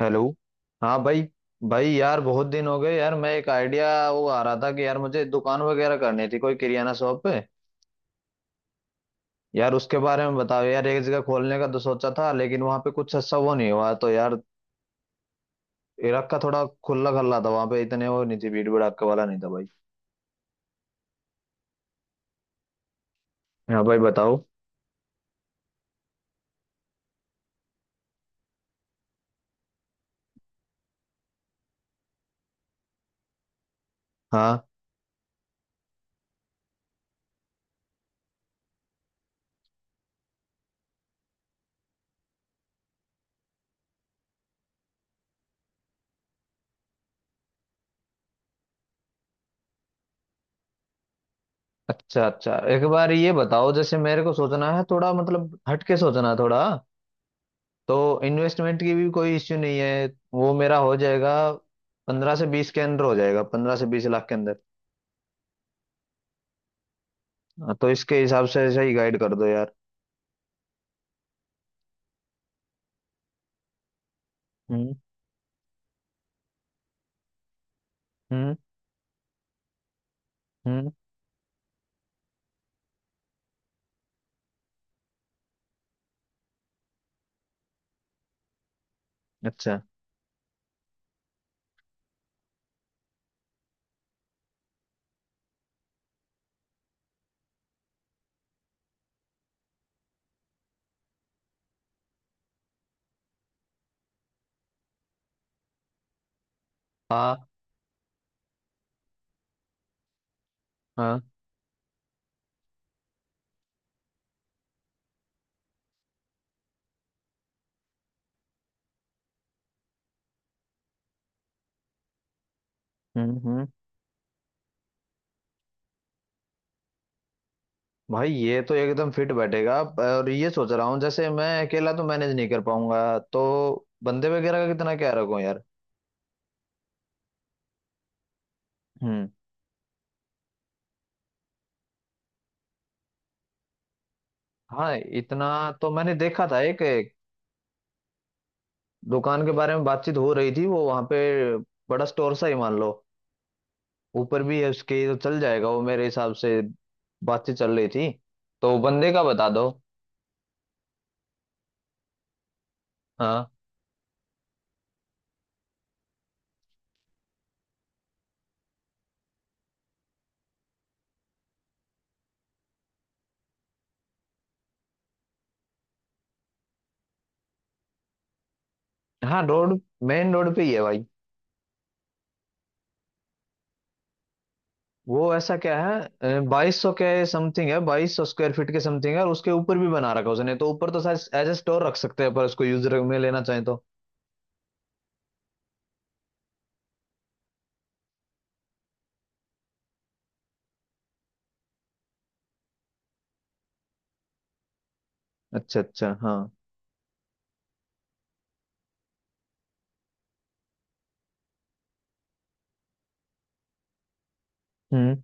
Hello. हाँ भाई। भाई यार बहुत दिन हो गए यार, मैं एक आइडिया वो आ रहा था कि यार मुझे दुकान वगैरह करनी थी कोई किराना शॉप पे। यार उसके बारे में बताओ यार, एक जगह खोलने का तो सोचा था लेकिन वहाँ पे कुछ अच्छा वो नहीं हुआ तो यार इलाका का थोड़ा खुला खल्ला था, वहाँ पे इतने वो नहीं थी, भीड़ भड़ाका वाला नहीं था भाई। हाँ भाई बताओ। हाँ। अच्छा अच्छा, एक बार ये बताओ जैसे मेरे को सोचना है थोड़ा, मतलब हटके सोचना है थोड़ा। तो इन्वेस्टमेंट की भी कोई इश्यू नहीं है, वो मेरा हो जाएगा। 15 से 20 के अंदर हो जाएगा, 15 से 20 लाख के अंदर। हाँ, तो इसके हिसाब से ऐसा ही गाइड कर दो यार। हम्म। हम्म। हम्म। अच्छा। हाँ हाँ। हम्म। हम्म। भाई ये तो एकदम फिट बैठेगा, और ये सोच रहा हूँ जैसे मैं अकेला तो मैनेज नहीं कर पाऊंगा, तो बंदे वगैरह का कितना क्या रखूं यार। हम्म। हाँ इतना। तो मैंने देखा था एक दुकान के बारे में, बातचीत हो रही थी वो वहां पे, बड़ा स्टोर सा ही मान लो, ऊपर भी है उसके तो चल जाएगा वो मेरे हिसाब से। बातचीत चल रही थी। तो बंदे का बता दो। हाँ हाँ, रोड। मेन रोड पे ही है भाई। वो ऐसा क्या है, 2200 के समथिंग है, 2200 स्क्वायर फीट के समथिंग है, और उसके ऊपर भी बना रखा है उसने, तो ऊपर तो शायद एज ए स्टोर रख सकते हैं पर उसको यूजर में लेना चाहे तो। अच्छा अच्छा। हाँ। हम्म।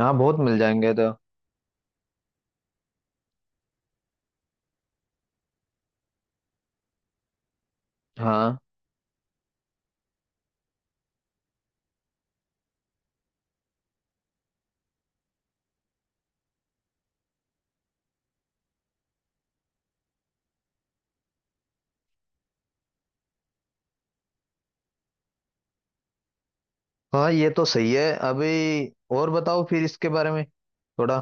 हाँ बहुत मिल जाएंगे तो। हाँ हाँ, ये तो सही है अभी। और बताओ फिर इसके बारे में थोड़ा।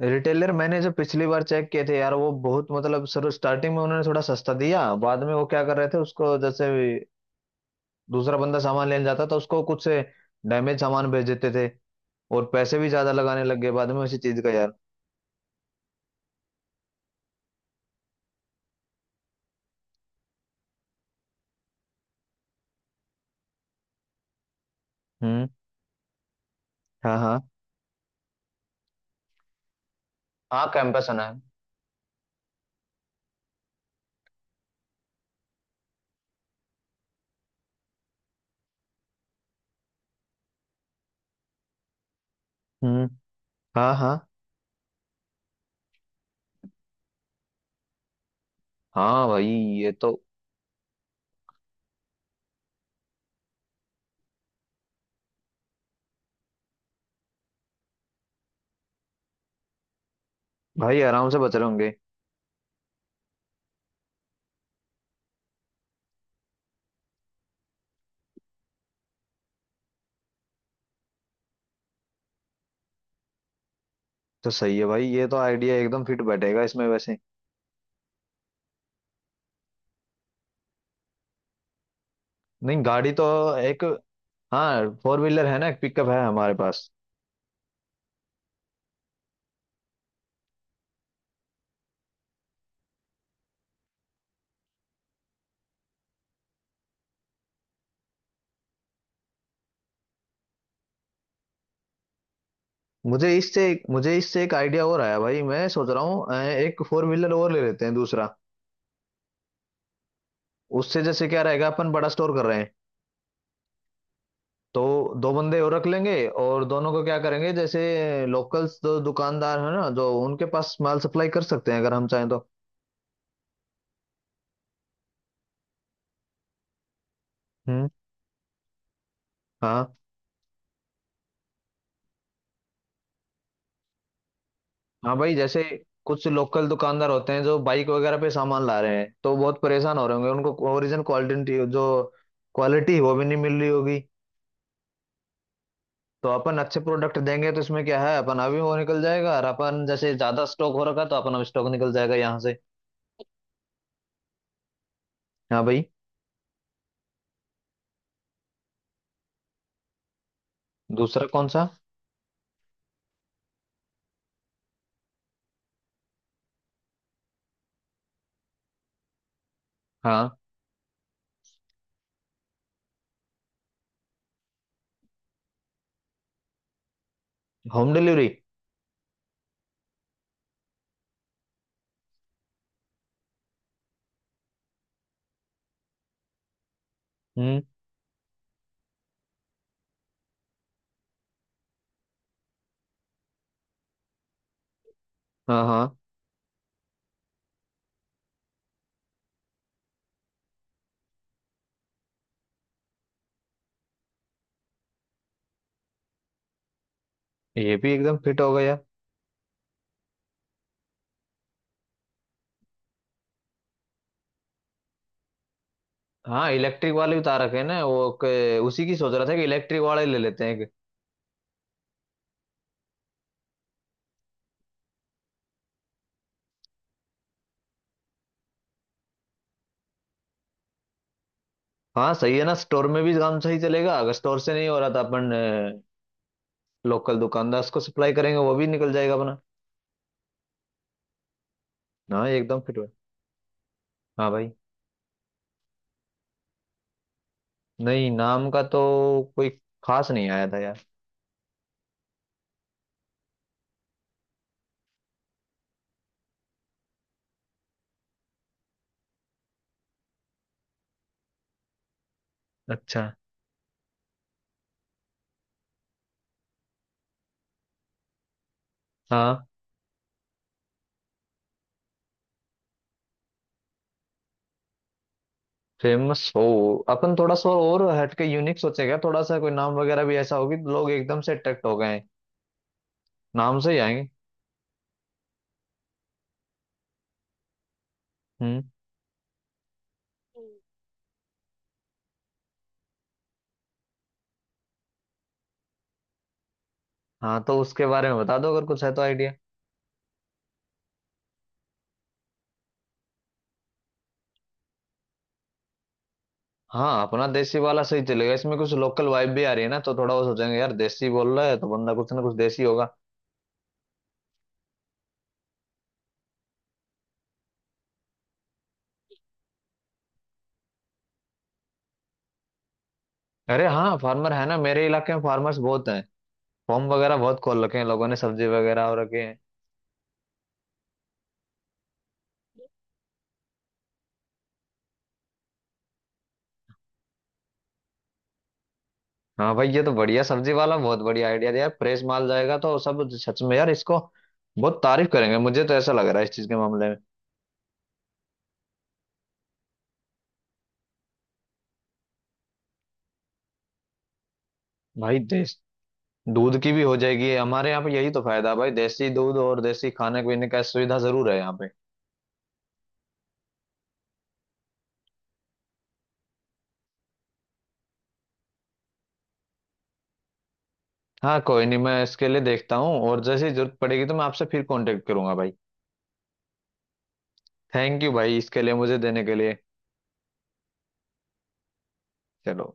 रिटेलर, मैंने जो पिछली बार चेक किए थे यार, वो बहुत मतलब सर स्टार्टिंग में उन्होंने थोड़ा सस्ता दिया, बाद में वो क्या कर रहे थे उसको, जैसे दूसरा बंदा सामान लेने जाता था उसको कुछ से डैमेज सामान भेज देते थे, और पैसे भी ज्यादा लगाने लग गए बाद में उसी चीज का यार। हम्म। हाँ हाँ। हाँ कैंपस सुना है। हम्म। हाँ हाँ। हाँ भाई ये तो। भाई आराम से बच रहे होंगे। तो सही है भाई, ये तो आइडिया एकदम फिट बैठेगा इसमें वैसे। नहीं गाड़ी तो। एक, हाँ फोर व्हीलर है ना, एक पिकअप है हमारे पास। मुझे इससे मुझे इससे एक आइडिया और आया भाई, मैं सोच रहा हूँ एक फोर व्हीलर और ले लेते हैं दूसरा। उससे जैसे क्या रहेगा, अपन बड़ा स्टोर कर रहे हैं, तो दो बंदे और रख लेंगे, और दोनों को क्या करेंगे, जैसे लोकल्स जो दुकानदार है ना, जो उनके पास माल सप्लाई कर सकते हैं अगर हम चाहें तो। हम्म। हाँ। हाँ भाई, जैसे कुछ लोकल दुकानदार होते हैं जो बाइक वगैरह पे सामान ला रहे हैं, तो बहुत परेशान हो रहे होंगे, उनको ओरिजिनल क्वालिटी जो क्वालिटी वो भी नहीं मिल रही होगी। तो अपन अच्छे प्रोडक्ट देंगे तो इसमें क्या है, अपन अभी वो निकल जाएगा, और अपन जैसे ज्यादा स्टॉक हो रखा है, तो अपन अब स्टॉक निकल जाएगा यहाँ से। हाँ भाई। दूसरा कौन सा। हाँ। Home delivery. हम्म। हाँ हाँ, ये भी एकदम फिट हो गया। हाँ इलेक्ट्रिक वाले उतार रखे हैं ना वो, उसी की सोच रहा था कि इलेक्ट्रिक वाले ले लेते हैं एक। हाँ सही है ना, स्टोर में भी काम सही चलेगा, अगर स्टोर से नहीं हो रहा तो अपन लोकल दुकानदार को सप्लाई करेंगे, वो भी निकल जाएगा अपना। हाँ ये एकदम फिट हुआ। हाँ भाई। नहीं नाम का तो कोई खास नहीं आया था यार। अच्छा। हाँ फेमस हो। अपन थोड़ा सा और हटके यूनिक सोचेगा, थोड़ा सा कोई नाम वगैरह भी ऐसा होगी लोग एकदम से अट्रैक्ट हो गए हैं। नाम से ही आएंगे। हम्म। हाँ तो उसके बारे में बता दो अगर कुछ है तो आइडिया। हाँ अपना देसी वाला सही चलेगा, इसमें कुछ लोकल वाइब भी आ रही है ना, तो थोड़ा वो सोचेंगे यार देसी बोल रहा है तो बंदा कुछ ना कुछ देसी होगा। अरे हाँ, फार्मर है ना, मेरे इलाके में फार्मर्स बहुत हैं। फॉर्म वगैरह बहुत खोल रखे हैं लोगों ने, सब्जी वगैरह और रखे हैं। हाँ भाई ये तो बढ़िया, सब्जी वाला बहुत बढ़िया आइडिया दिया यार, प्रेस माल जाएगा तो सब, सच में यार इसको बहुत तारीफ करेंगे, मुझे तो ऐसा लग रहा है इस चीज के मामले में। भाई देश दूध की भी हो जाएगी हमारे यहाँ पे, यही तो फायदा है भाई, देसी दूध और देसी खाने पीने का सुविधा जरूर है यहाँ पे। हाँ कोई नहीं, मैं इसके लिए देखता हूँ और जैसे ही जरूरत पड़ेगी तो मैं आपसे फिर कांटेक्ट करूंगा भाई। थैंक यू भाई इसके लिए, मुझे देने के लिए। चलो।